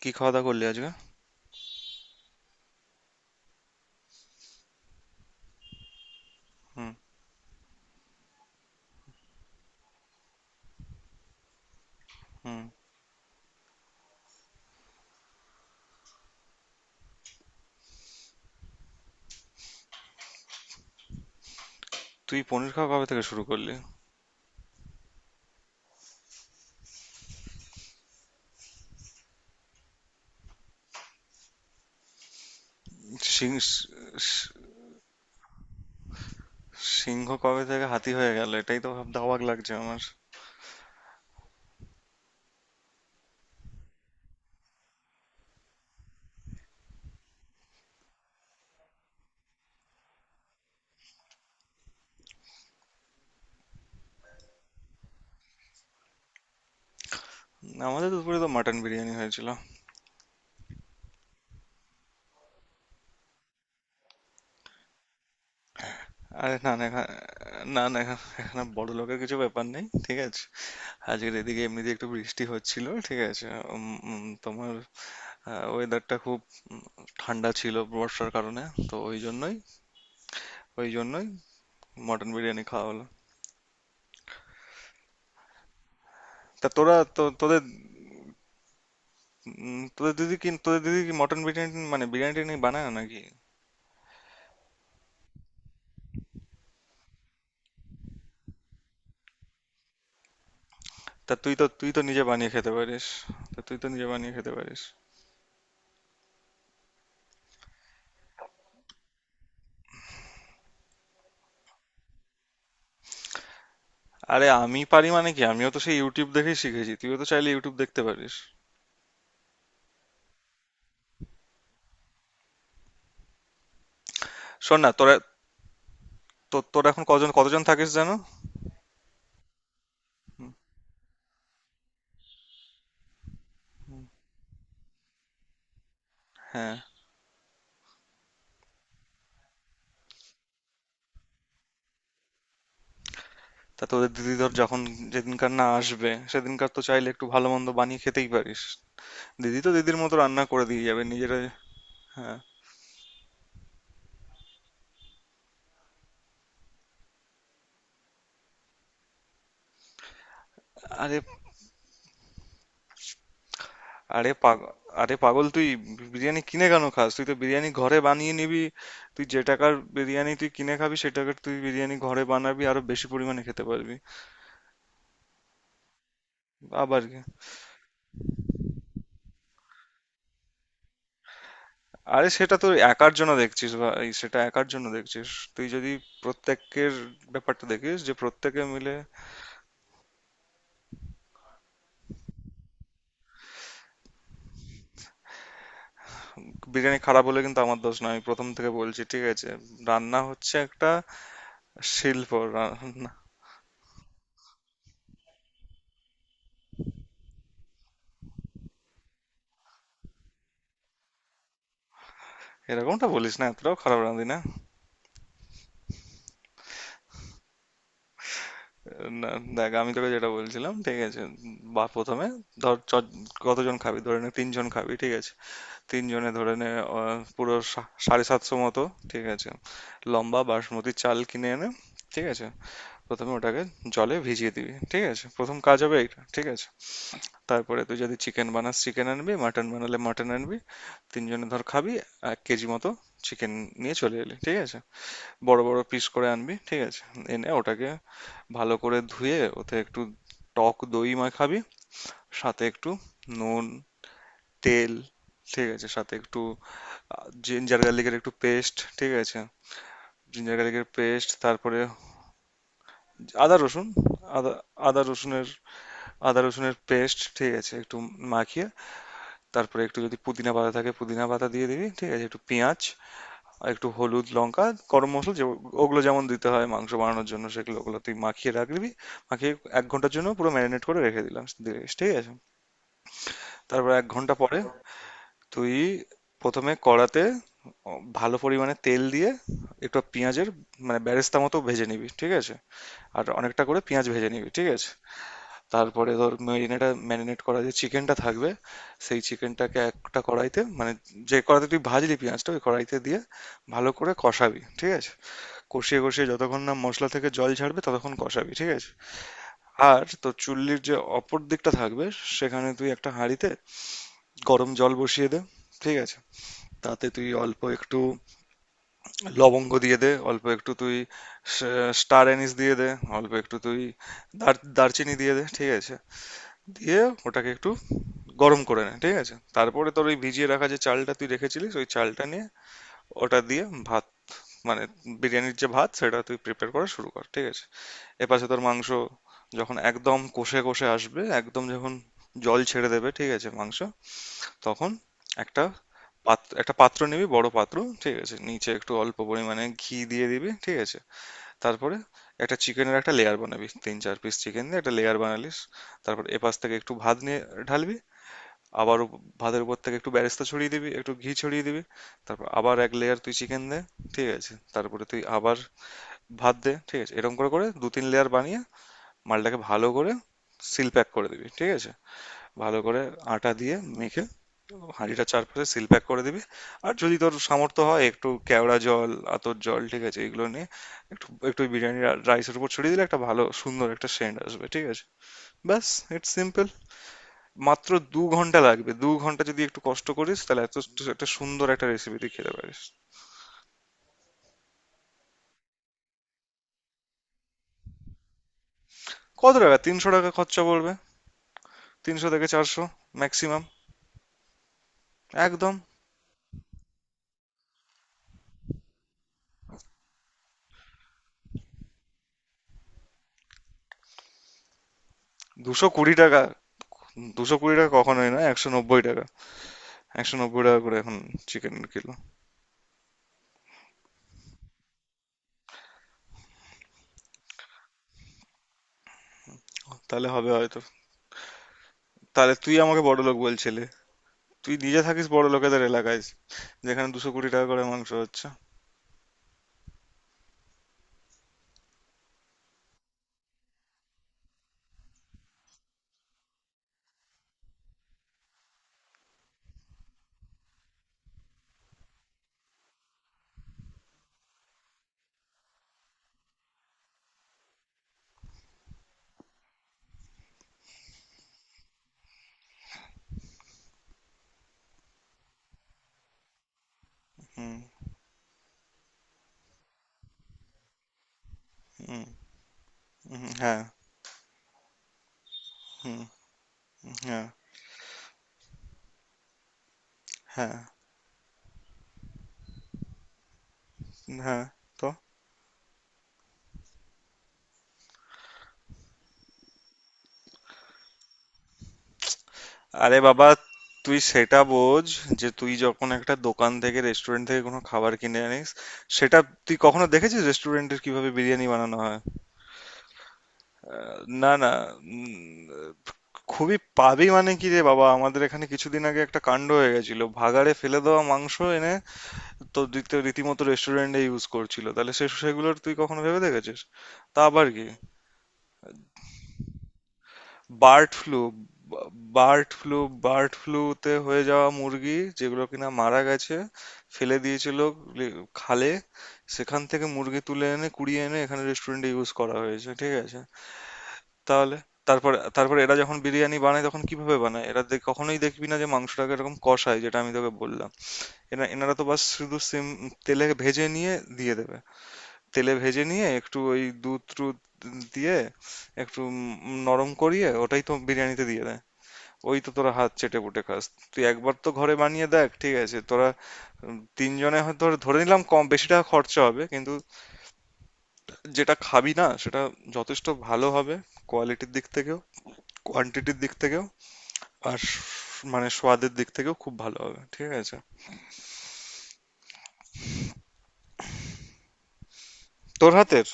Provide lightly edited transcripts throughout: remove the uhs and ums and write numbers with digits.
কি খাওয়া দাওয়া করলি আজকে? হুম। হুম। তুই পনির খাওয়া কবে থেকে শুরু করলি? সিং- স- স- সিংহ কবে থেকে হাতি হয়ে গেল এটাই তো ভাব, অবাক লাগছে আমার। আমাদের দুপুরে তো মাটন বিরিয়ানি হয়েছিল। আরে না না, এখানে বড় লোকের কিছু ব্যাপার নেই, ঠিক আছে। আজকের এদিকে এমনিতে একটু বৃষ্টি হচ্ছিল, ঠিক আছে। উম, উম, তোমার ওয়েদারটা খুব ঠান্ডা ছিল বর্ষার কারণে, তো ওই জন্যই ওই জন্যই মটন বিরিয়ানি খাওয়া হলো। তা তোরা তো তোদের উম, তোদের দিদি কি মটন বিরিয়ানি মানে বিরিয়ানি টিরিয়ানি বানায় না নাকি? তা তুই তো নিজে বানিয়ে খেতে পারিস। তা তুই তো নিজে বানিয়ে খেতে পারিস। আরে আমি পারি মানে কি, আমিও তো সেই ইউটিউব দেখেই শিখেছি, তুইও তো চাইলে ইউটিউব দেখতে পারিস। শোন না তোরা, তোরা এখন কতজন থাকিস, জানো? হ্যাঁ। তা তোদের দিদি, ধর যখন যেদিনকার না আসবে সেদিনকার তো চাইলে একটু ভালো মন্দ বানিয়ে খেতেই পারিস। দিদি তো দিদির মতো রান্না করে দিয়ে যাবে, নিজেরা। হ্যাঁ। আরে! আরে পাগল আরে পাগল তুই বিরিয়ানি কিনে কেন খাস? তুই তো বিরিয়ানি ঘরে বানিয়ে নিবি। তুই যে টাকার বিরিয়ানি তুই কিনে খাবি, সে টাকার তুই বিরিয়ানি ঘরে বানাবি, আরো বেশি পরিমাণে খেতে পারবি। আবার কি? আরে সেটা তো একার জন্য দেখছিস ভাই, সেটা একার জন্য দেখছিস। তুই যদি প্রত্যেকের ব্যাপারটা দেখিস যে প্রত্যেকে মিলে... বিরিয়ানি খারাপ হলে কিন্তু আমার দোষ না, আমি প্রথম থেকে বলছি, ঠিক আছে। রান্না হচ্ছে একটা শিল্প, রান্না। এরকমটা বলিস না, এতটাও খারাপ রাঁধি না। না, দেখ আমি তোকে যেটা বলছিলাম, ঠিক আছে। বা প্রথমে ধর কতজন খাবি ধরে নে, তিনজন খাবি ঠিক আছে, তিনজনে ধরে নে। পুরো 750 মতো। ঠিক আছে। লম্বা বাসমতি চাল কিনে এনে, ঠিক আছে, প্রথমে ওটাকে জলে ভিজিয়ে দিবি, ঠিক আছে, প্রথম কাজ হবে এটা, ঠিক আছে। তারপরে তুই যদি চিকেন বানাস চিকেন আনবি, মাটন বানালে মাটন আনবি। তিনজনে ধর খাবি, এক কেজি মতো চিকেন নিয়ে চলে এলি, ঠিক আছে। বড় বড় পিস করে আনবি, ঠিক আছে। এনে ওটাকে ভালো করে ধুয়ে ওতে একটু টক দই মাখাবি, সাথে একটু নুন, তেল, ঠিক আছে, সাথে একটু জিঞ্জার গার্লিকের একটু পেস্ট, ঠিক আছে। জিঞ্জার গার্লিকের পেস্ট, তারপরে আদা রসুন। আদা। আদা রসুনের। আদা রসুনের পেস্ট, ঠিক আছে, একটু মাখিয়ে। তারপরে একটু যদি পুদিনা পাতা থাকে পুদিনা পাতা দিয়ে দিবি, ঠিক আছে, একটু পেঁয়াজ, আর একটু হলুদ, লঙ্কা, গরম মশলা, যে ওগুলো যেমন দিতে হয় মাংস বানানোর জন্য সেগুলো, ওগুলো তুই মাখিয়ে রাখবি, মাখিয়ে এক ঘন্টার জন্য পুরো ম্যারিনেট করে রেখে দিলাম দিস, ঠিক আছে। তারপর এক ঘন্টা পরে তুই প্রথমে কড়াতে ভালো পরিমাণে তেল দিয়ে একটু পেঁয়াজের মানে বেরেস্তা মতো ভেজে নিবি, ঠিক আছে। আর অনেকটা করে পেঁয়াজ ভেজে নিবি, ঠিক আছে। তারপরে ধর ম্যারিনেট করা যে চিকেনটা থাকবে সেই চিকেনটাকে একটা কড়াইতে মানে যে কড়াইতে তুই ভাজলি পেঁয়াজটা ওই কড়াইতে দিয়ে ভালো করে কষাবি, ঠিক আছে। কষিয়ে কষিয়ে যতক্ষণ না মশলা থেকে জল ছাড়বে ততক্ষণ কষাবি, ঠিক আছে। আর তোর চুল্লির যে অপর দিকটা থাকবে সেখানে তুই একটা হাঁড়িতে গরম জল বসিয়ে দে, ঠিক আছে। তাতে তুই অল্প একটু লবঙ্গ দিয়ে দে, অল্প একটু তুই স্টার অ্যানিস দিয়ে দে, অল্প একটু তুই দারচিনি দিয়ে দে, ঠিক আছে। দিয়ে ওটাকে একটু গরম করে নে, ঠিক আছে। তারপরে তোর ওই ভিজিয়ে রাখা যে চালটা তুই রেখেছিলিস ওই চালটা নিয়ে ওটা দিয়ে ভাত মানে বিরিয়ানির যে ভাত সেটা তুই প্রিপেয়ার করা শুরু কর, ঠিক আছে। এপাশে তোর মাংস যখন একদম কষে কষে আসবে, একদম যখন জল ছেড়ে দেবে, ঠিক আছে, মাংস, তখন একটা একটা পাত্র নিবি, বড় পাত্র, ঠিক আছে। নিচে একটু অল্প পরিমাণে ঘি দিয়ে দিবি, ঠিক আছে। তারপরে একটা চিকেনের একটা লেয়ার বানাবি, তিন চার পিস চিকেন দিয়ে একটা লেয়ার বানালিস। তারপর এপাশ থেকে একটু ভাত নিয়ে ঢালবি। আবার ভাতের উপর থেকে একটু বেরেস্তা ছড়িয়ে দিবি, একটু ঘি ছড়িয়ে দিবি। তারপর আবার এক লেয়ার তুই চিকেন দে, ঠিক আছে। তারপরে তুই আবার ভাত দে, ঠিক আছে। এরকম করে করে দু তিন লেয়ার বানিয়ে মালটাকে ভালো করে সিল প্যাক করে দিবি, ঠিক আছে। ভালো করে আটা দিয়ে মেখে হাঁড়িটা চারপাশে সিল প্যাক করে দিবি। আর যদি তোর সামর্থ্য হয় একটু কেওড়া জল, আতর জল, ঠিক আছে, এগুলো নিয়ে একটু একটু বিরিয়ানি রাইসের উপর ছড়িয়ে দিলে একটা ভালো সুন্দর একটা সেন্ট আসবে, ঠিক আছে। ব্যাস, ইটস সিম্পল। মাত্র দু ঘন্টা লাগবে, দু ঘন্টা যদি একটু কষ্ট করিস তাহলে এত একটা সুন্দর একটা রেসিপি তুই খেতে পারিস। কত টাকা? 300 টাকা খরচা পড়বে। 300 থেকে 400 ম্যাক্সিমাম। একদম। 220 টাকা? 220 টাকা কখনোই না, 190 টাকা। 190 টাকা করে এখন চিকেন কিলো। তাহলে হবে হয়তো। তাহলে তুই আমাকে বড় লোক বলছিলি? তুই নিজে থাকিস বড় লোকেদের এলাকায় যেখানে 220 টাকা করে মাংস হচ্ছে। হুম। হুম। হুম, হ্যাঁ। হুম। হ্যাঁ। হ্যাঁ। হ্যাঁ। তো আরে বাবা, তুই সেটা বোঝ যে তুই যখন একটা দোকান থেকে, রেস্টুরেন্ট থেকে কোনো খাবার কিনে আনিস, সেটা তুই কখনো দেখেছিস রেস্টুরেন্টের কিভাবে বিরিয়ানি বানানো হয়? না না। উম, খুবই পাবি মানে কি রে বাবা, আমাদের এখানে কিছুদিন আগে একটা কাণ্ড হয়ে গেছিল, ভাগাড়ে ফেলে দেওয়া মাংস এনে তো দিতে, রীতিমতো রেস্টুরেন্টে ইউজ করছিল, তাহলে সে সেগুলোর তুই কখনো ভেবে দেখেছিস? তা আবার কি? Bird flu, bird flu, bird ফ্লুতে হয়ে যাওয়া মুরগি যেগুলো কিনা মারা গেছে, ফেলে দিয়েছিল খালে, সেখান থেকে মুরগি তুলে এনে, কুড়িয়ে এনে এখানে রেস্টুরেন্টে ইউজ করা হয়েছে, ঠিক আছে। তাহলে? তারপরে তারপরে এরা যখন বিরিয়ানি বানায় তখন কিভাবে বানায়? এরা দে কখনোই দেখবি না যে মাংসটাকে এরকম কষায় যেটা আমি তোকে বললাম। এরা, এনারা তো বাস শুধু সিম তেলে ভেজে নিয়ে দিয়ে দেবে। তেলে ভেজে নিয়ে একটু ওই দুধ টুধ দিয়ে একটু নরম করিয়ে ওটাই তো বিরিয়ানিতে দিয়ে দেয়। ওই তো তোরা হাত চেটেপুটে খাস। তুই একবার তো ঘরে বানিয়ে দেখ, ঠিক আছে। তোরা তিনজনে হয়তো ধরে নিলাম কম বেশি টাকা খরচা হবে কিন্তু যেটা খাবি না সেটা যথেষ্ট ভালো হবে, কোয়ালিটির দিক থেকেও, কোয়ান্টিটির দিক থেকেও। আর মানে স্বাদের দিক থেকেও খুব ভালো হবে, ঠিক আছে। তোর হাতের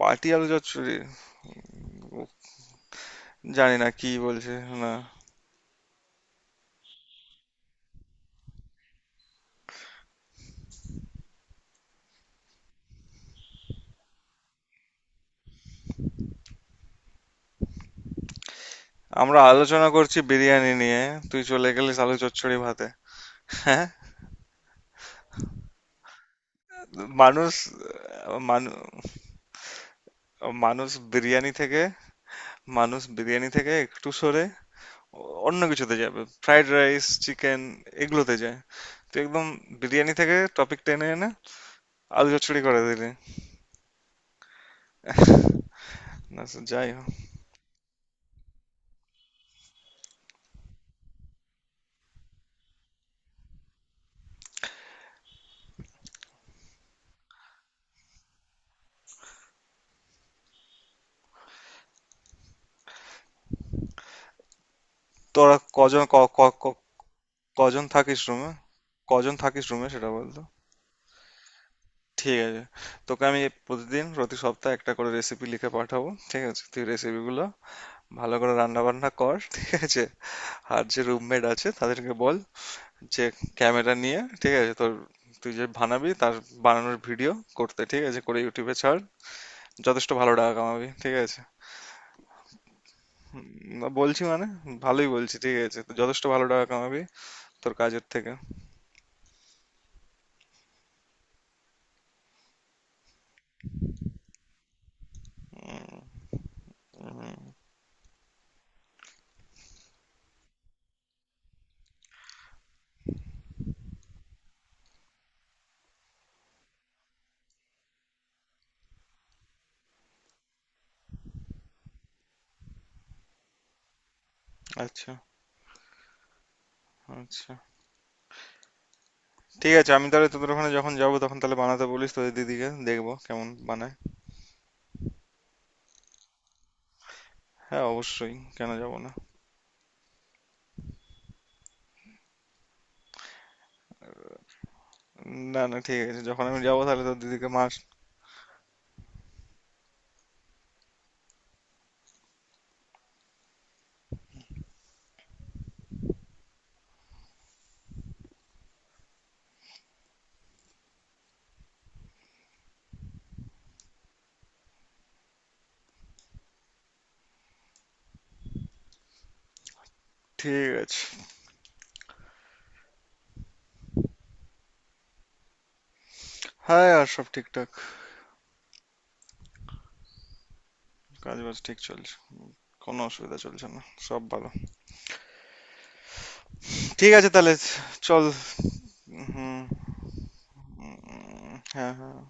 বাটি আলু চচ্চড়ি? উফ, জানি না কি বলছে। না, আমরা আলোচনা করছি বিরিয়ানি নিয়ে, তুই চলে গেলিস আলু চচ্চড়ি ভাতে। হ্যাঁ। মানুষ আহ, মানু- মানুষ বিরিয়ানি থেকে মানুষ বিরিয়ানি থেকে একটু সরে অন্য কিছুতে যাবে, ফ্রাইড রাইস, চিকেন, এগুলোতে যায়। তুই একদম বিরিয়ানি থেকে টপিক টেনে এনে আলু চচ্চড়ি করে দিলি। না সে যাই হোক, তোরা কজন কজন থাকিস রুমে? কজন থাকিস রুমে সেটা বল তো? ঠিক আছে। তোকে আমি প্রতিদিন, প্রতি সপ্তাহে একটা করে রেসিপি লিখে পাঠাবো। ঠিক আছে? তুই রেসিপিগুলো ভালো করে রান্না বান্না কর। ঠিক আছে? আর যে রুমমেট আছে তাদেরকে বল যে ক্যামেরা নিয়ে, ঠিক আছে, তোর তুই যে বানাবি তার বানানোর ভিডিও করতে, ঠিক আছে, করে ইউটিউবে ছাড়। যথেষ্ট ভালো টাকা কামাবি। ঠিক আছে? বলছি মানে ভালোই বলছি, ঠিক আছে। তো যথেষ্ট ভালো টাকা কামাবি তোর কাজের থেকে। আচ্ছা, আচ্ছা। ঠিক আছে, আমি তাহলে তোদের ওখানে যখন যাব তখন তাহলে বানাতে বলিস তোদের দিদিকে, দেখবো কেমন বানায়। হ্যাঁ অবশ্যই, কেন যাব না। না না, ঠিক আছে, যখন আমি যাব তাহলে তোর দিদিকে মাস... ঠিক আছে। হ্যাঁ, আর সব ঠিকঠাক। কাজ বাজ ঠিক চলছে। কোনো অসুবিধা চলছে না, সব ভালো। ঠিক আছে তাহলে। চল। হুম। হ্যাঁ হ্যাঁ।